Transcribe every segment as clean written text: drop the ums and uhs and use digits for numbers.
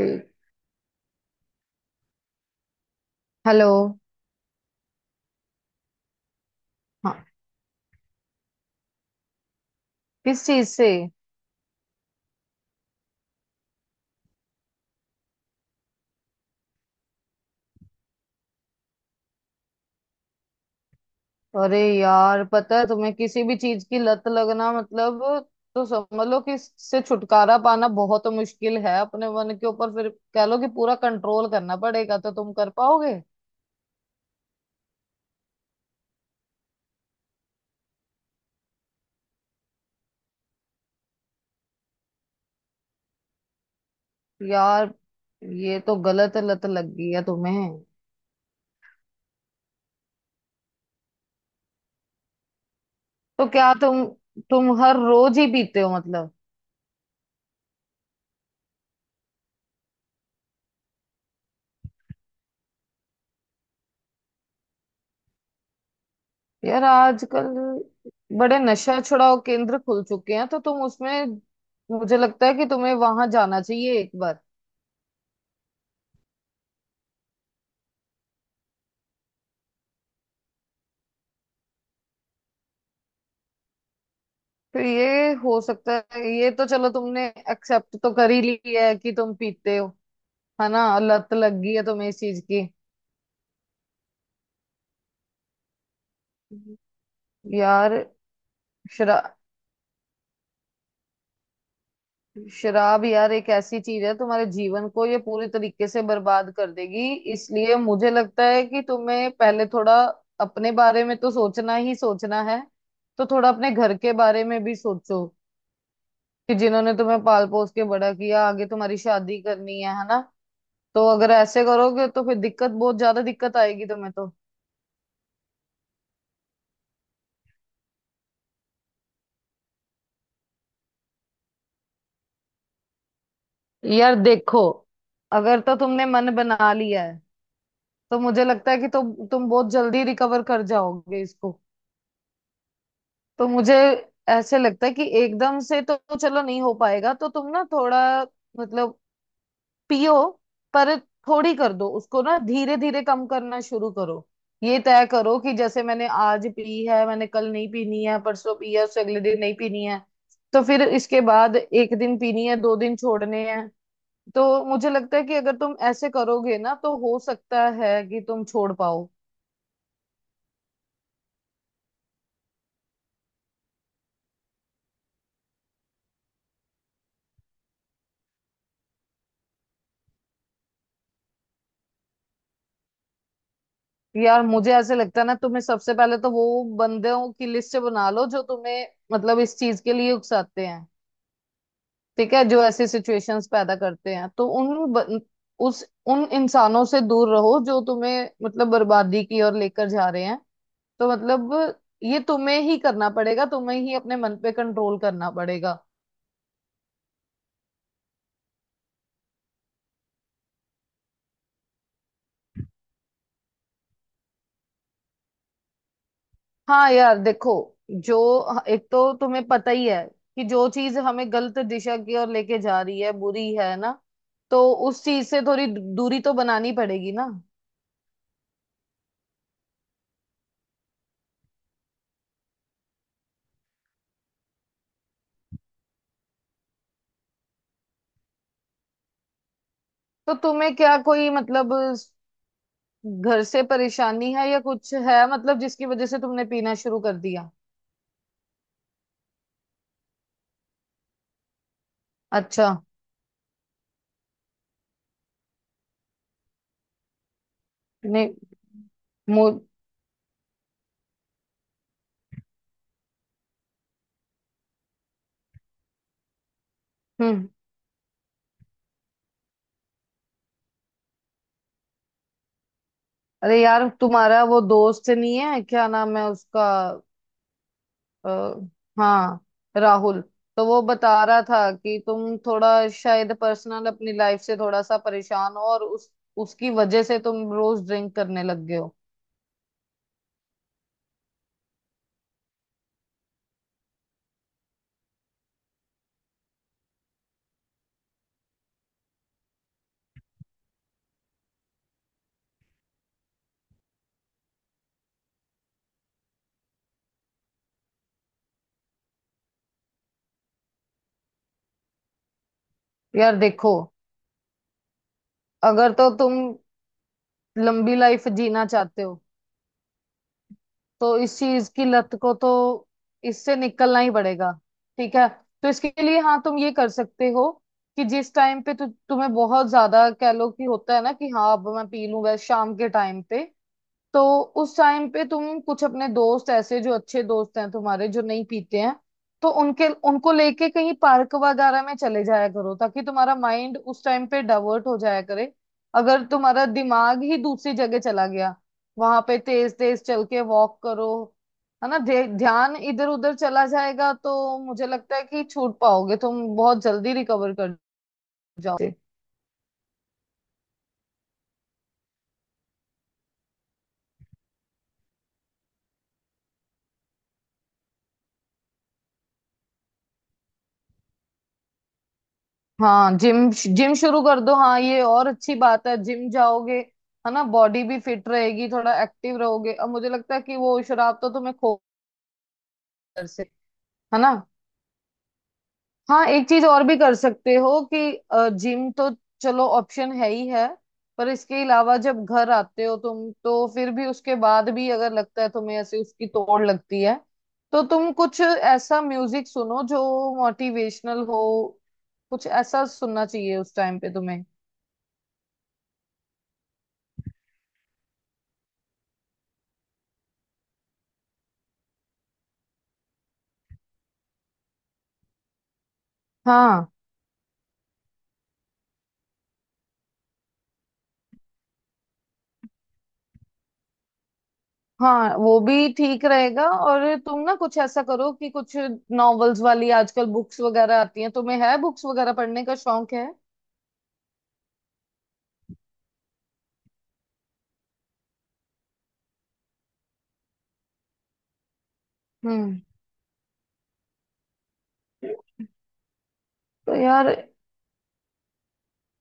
से। हेलो। हाँ। किस चीज से? अरे यार, पता है तुम्हें किसी भी चीज की लत लगना मतलब, तो समझ लो कि इससे छुटकारा पाना बहुत मुश्किल है। अपने मन के ऊपर फिर कह लो कि पूरा कंट्रोल करना पड़ेगा तो तुम कर पाओगे। यार, ये तो गलत लत लग गई है तुम्हें। तो क्या तुम हर रोज ही पीते हो मतलब? यार आजकल बड़े नशा छुड़ाओ केंद्र खुल चुके हैं तो तुम उसमें, मुझे लगता है कि तुम्हें वहां जाना चाहिए एक बार। तो ये हो सकता है, ये तो चलो तुमने एक्सेप्ट तो कर ही ली है कि तुम पीते हो। है ना, लत लग गई है तुम्हें इस चीज की। हम्म। यार, शराब, शराब यार एक ऐसी चीज है, तुम्हारे जीवन को ये पूरी तरीके से बर्बाद कर देगी। इसलिए मुझे लगता है कि तुम्हें पहले थोड़ा अपने बारे में तो सोचना ही सोचना है। तो थोड़ा अपने घर के बारे में भी सोचो कि जिन्होंने तुम्हें पाल पोस के बड़ा किया, आगे तुम्हारी शादी करनी है ना। तो अगर ऐसे करोगे तो फिर दिक्कत, बहुत ज्यादा दिक्कत आएगी तुम्हें। तो यार देखो, अगर तो तुमने मन बना लिया है, तो मुझे लगता है कि तुम बहुत जल्दी रिकवर कर जाओगे इसको। तो मुझे ऐसे लगता है कि एकदम से तो चलो नहीं हो पाएगा। तो तुम ना थोड़ा मतलब पियो, पर थोड़ी कर दो उसको ना, धीरे धीरे कम करना शुरू करो। ये तय करो कि जैसे मैंने आज पी है, मैंने कल नहीं पीनी है, परसों पी है उससे अगले दिन नहीं पीनी है। तो फिर इसके बाद एक दिन पीनी है, दो दिन छोड़ने हैं। तो मुझे लगता है कि अगर तुम ऐसे करोगे ना, तो हो सकता है कि तुम छोड़ पाओ। यार मुझे ऐसे लगता है ना, तुम्हें सबसे पहले तो वो बंदों की लिस्ट बना लो जो तुम्हें मतलब इस चीज के लिए उकसाते हैं। ठीक है, जो ऐसी सिचुएशंस पैदा करते हैं, तो उस, उन इंसानों से दूर रहो जो तुम्हें मतलब बर्बादी की ओर लेकर जा रहे हैं। तो मतलब ये तुम्हें ही करना पड़ेगा, तुम्हें ही अपने मन पे कंट्रोल करना पड़ेगा। हाँ यार देखो, जो एक तो तुम्हें पता ही है कि जो चीज हमें गलत दिशा की ओर लेके जा रही है बुरी है ना। तो उस चीज से थोड़ी दूरी तो बनानी पड़ेगी ना। तो तुम्हें क्या कोई मतलब घर से परेशानी है या कुछ है मतलब, जिसकी वजह से तुमने पीना शुरू कर दिया? अच्छा। नहीं। मु हम्म। अरे यार तुम्हारा वो दोस्त नहीं है, क्या नाम है उसका? आ, हाँ, राहुल। तो वो बता रहा था कि तुम थोड़ा शायद पर्सनल अपनी लाइफ से थोड़ा सा परेशान हो, और उस उसकी वजह से तुम रोज ड्रिंक करने लग गए हो। यार देखो, अगर तो तुम लंबी लाइफ जीना चाहते हो, तो इस चीज की लत को तो, इससे निकलना ही पड़ेगा। ठीक है। तो इसके लिए हाँ तुम ये कर सकते हो कि जिस टाइम पे तुम्हें बहुत ज्यादा, कह लो कि होता है ना कि हाँ अब मैं पी लूं, बस शाम के टाइम पे, तो उस टाइम पे तुम कुछ अपने दोस्त ऐसे, जो अच्छे दोस्त हैं तुम्हारे, जो नहीं पीते हैं, तो उनके उनको लेके कहीं पार्क वगैरह में चले जाया करो, ताकि तुम्हारा माइंड उस टाइम पे डाइवर्ट हो जाया करे। अगर तुम्हारा दिमाग ही दूसरी जगह चला गया, वहां पे तेज तेज चल के वॉक करो, है ना, ध्यान इधर उधर चला जाएगा, तो मुझे लगता है कि छूट पाओगे तुम, बहुत जल्दी रिकवर कर जाओ। हाँ जिम, जिम शुरू कर दो, हाँ ये और अच्छी बात है, जिम जाओगे, है ना, बॉडी भी फिट रहेगी, थोड़ा एक्टिव रहोगे। अब मुझे लगता है कि वो शराब तो तुम्हें खो घर से, है ना। हाँ, एक चीज और भी कर सकते हो कि जिम तो चलो ऑप्शन है ही है, पर इसके अलावा जब घर आते हो तुम, तो फिर भी उसके बाद भी अगर लगता है तुम्हें ऐसे उसकी तोड़ लगती है, तो तुम कुछ ऐसा म्यूजिक सुनो जो मोटिवेशनल हो। कुछ ऐसा सुनना चाहिए उस टाइम पे तुम्हें। हाँ। हाँ वो भी ठीक रहेगा, और तुम ना कुछ ऐसा करो कि कुछ नॉवेल्स वाली आजकल बुक्स वगैरह आती हैं, तुम्हें है बुक्स वगैरह पढ़ने का शौक है? हम्म। तो यार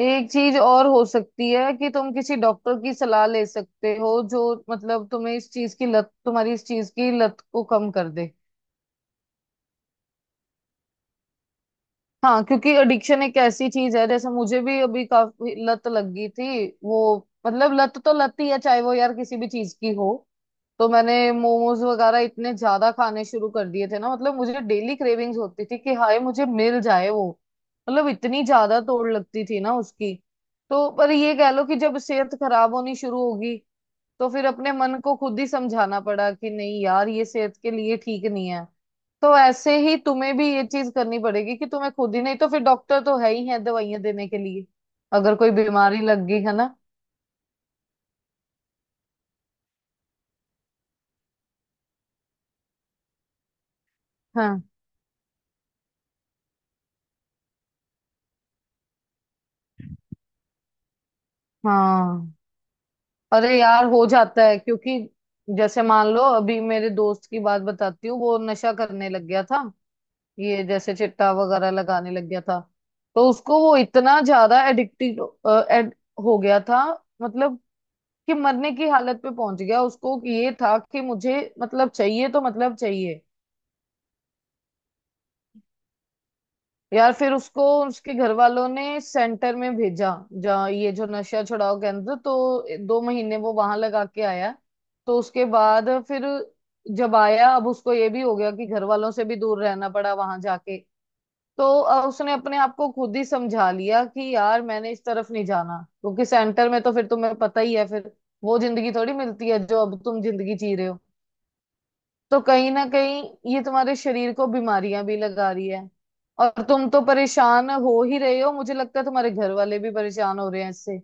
एक चीज और हो सकती है कि तुम किसी डॉक्टर की सलाह ले सकते हो जो मतलब तुम्हें इस चीज की लत, तुम्हारी इस चीज की लत को कम कर दे। हाँ क्योंकि एडिक्शन एक ऐसी चीज है, जैसे मुझे भी अभी काफी लत लग गई थी वो, मतलब लत तो लत ही है, चाहे वो यार किसी भी चीज की हो। तो मैंने मोमोज वगैरह इतने ज्यादा खाने शुरू कर दिए थे ना, मतलब मुझे डेली क्रेविंग्स होती थी कि हाय मुझे मिल जाए वो, मतलब इतनी ज्यादा तोड़ लगती थी ना उसकी। तो पर ये कह लो कि जब सेहत खराब होनी शुरू होगी, तो फिर अपने मन को खुद ही समझाना पड़ा कि नहीं यार ये सेहत के लिए ठीक नहीं है। तो ऐसे ही तुम्हें भी ये चीज करनी पड़ेगी कि तुम्हें खुद ही, नहीं तो फिर डॉक्टर तो है ही है दवाइयां देने के लिए, अगर कोई बीमारी लग गई है ना। हाँ। हाँ अरे यार हो जाता है क्योंकि, जैसे मान लो अभी मेरे दोस्त की बात बताती हूँ, वो नशा करने लग गया था, ये जैसे चिट्टा वगैरह लगाने लग गया था। तो उसको वो इतना ज्यादा एडिक्टेड हो गया था, मतलब कि मरने की हालत पे पहुंच गया, उसको ये था कि मुझे मतलब चाहिए तो मतलब चाहिए। यार फिर उसको उसके घर वालों ने सेंटर में भेजा, जहाँ ये जो नशा छुड़ाओ केंद्र, तो दो महीने वो वहां लगा के आया। तो उसके बाद फिर जब आया, अब उसको ये भी हो गया कि घर वालों से भी दूर रहना पड़ा वहां जाके। तो उसने अपने आप को खुद ही समझा लिया कि यार मैंने इस तरफ नहीं जाना, क्योंकि सेंटर में तो फिर तुम्हें पता ही है, फिर वो जिंदगी थोड़ी मिलती है जो अब तुम जिंदगी जी रहे हो। तो कहीं ना कहीं ये तुम्हारे शरीर को बीमारियां भी लगा रही है, और तुम तो परेशान हो ही रहे हो, मुझे लगता है तुम्हारे घर वाले भी परेशान हो रहे हैं इससे।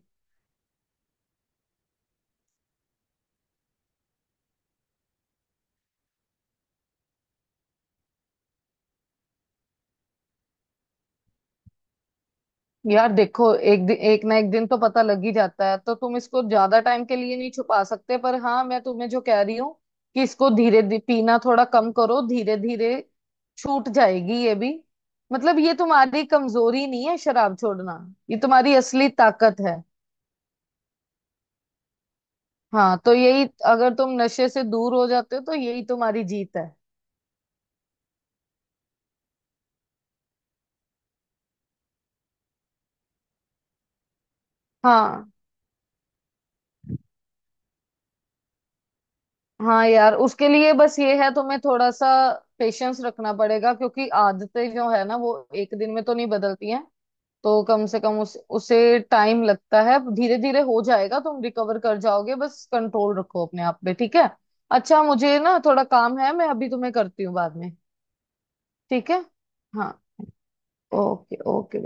यार देखो, एक दिन, एक ना एक दिन तो पता लग ही जाता है, तो तुम इसको ज्यादा टाइम के लिए नहीं छुपा सकते। पर हाँ मैं तुम्हें जो कह रही हूँ कि इसको धीरे धीरे पीना थोड़ा कम करो, धीरे धीरे छूट जाएगी ये भी। मतलब ये तुम्हारी कमजोरी नहीं है शराब छोड़ना, ये तुम्हारी असली ताकत है। हाँ तो यही, अगर तुम नशे से दूर हो जाते हो तो यही तुम्हारी जीत है। हाँ। हाँ यार उसके लिए बस ये है, तुम्हें थोड़ा सा पेशेंस रखना पड़ेगा, क्योंकि आदतें जो है ना, वो एक दिन में तो नहीं बदलती हैं। तो कम से कम उस उसे टाइम लगता है, धीरे धीरे हो जाएगा, तुम रिकवर कर जाओगे, बस कंट्रोल रखो अपने आप पे, ठीक है। अच्छा मुझे ना थोड़ा काम है, मैं अभी तुम्हें करती हूँ बाद में। ठीक है। हाँ, ओके ओके।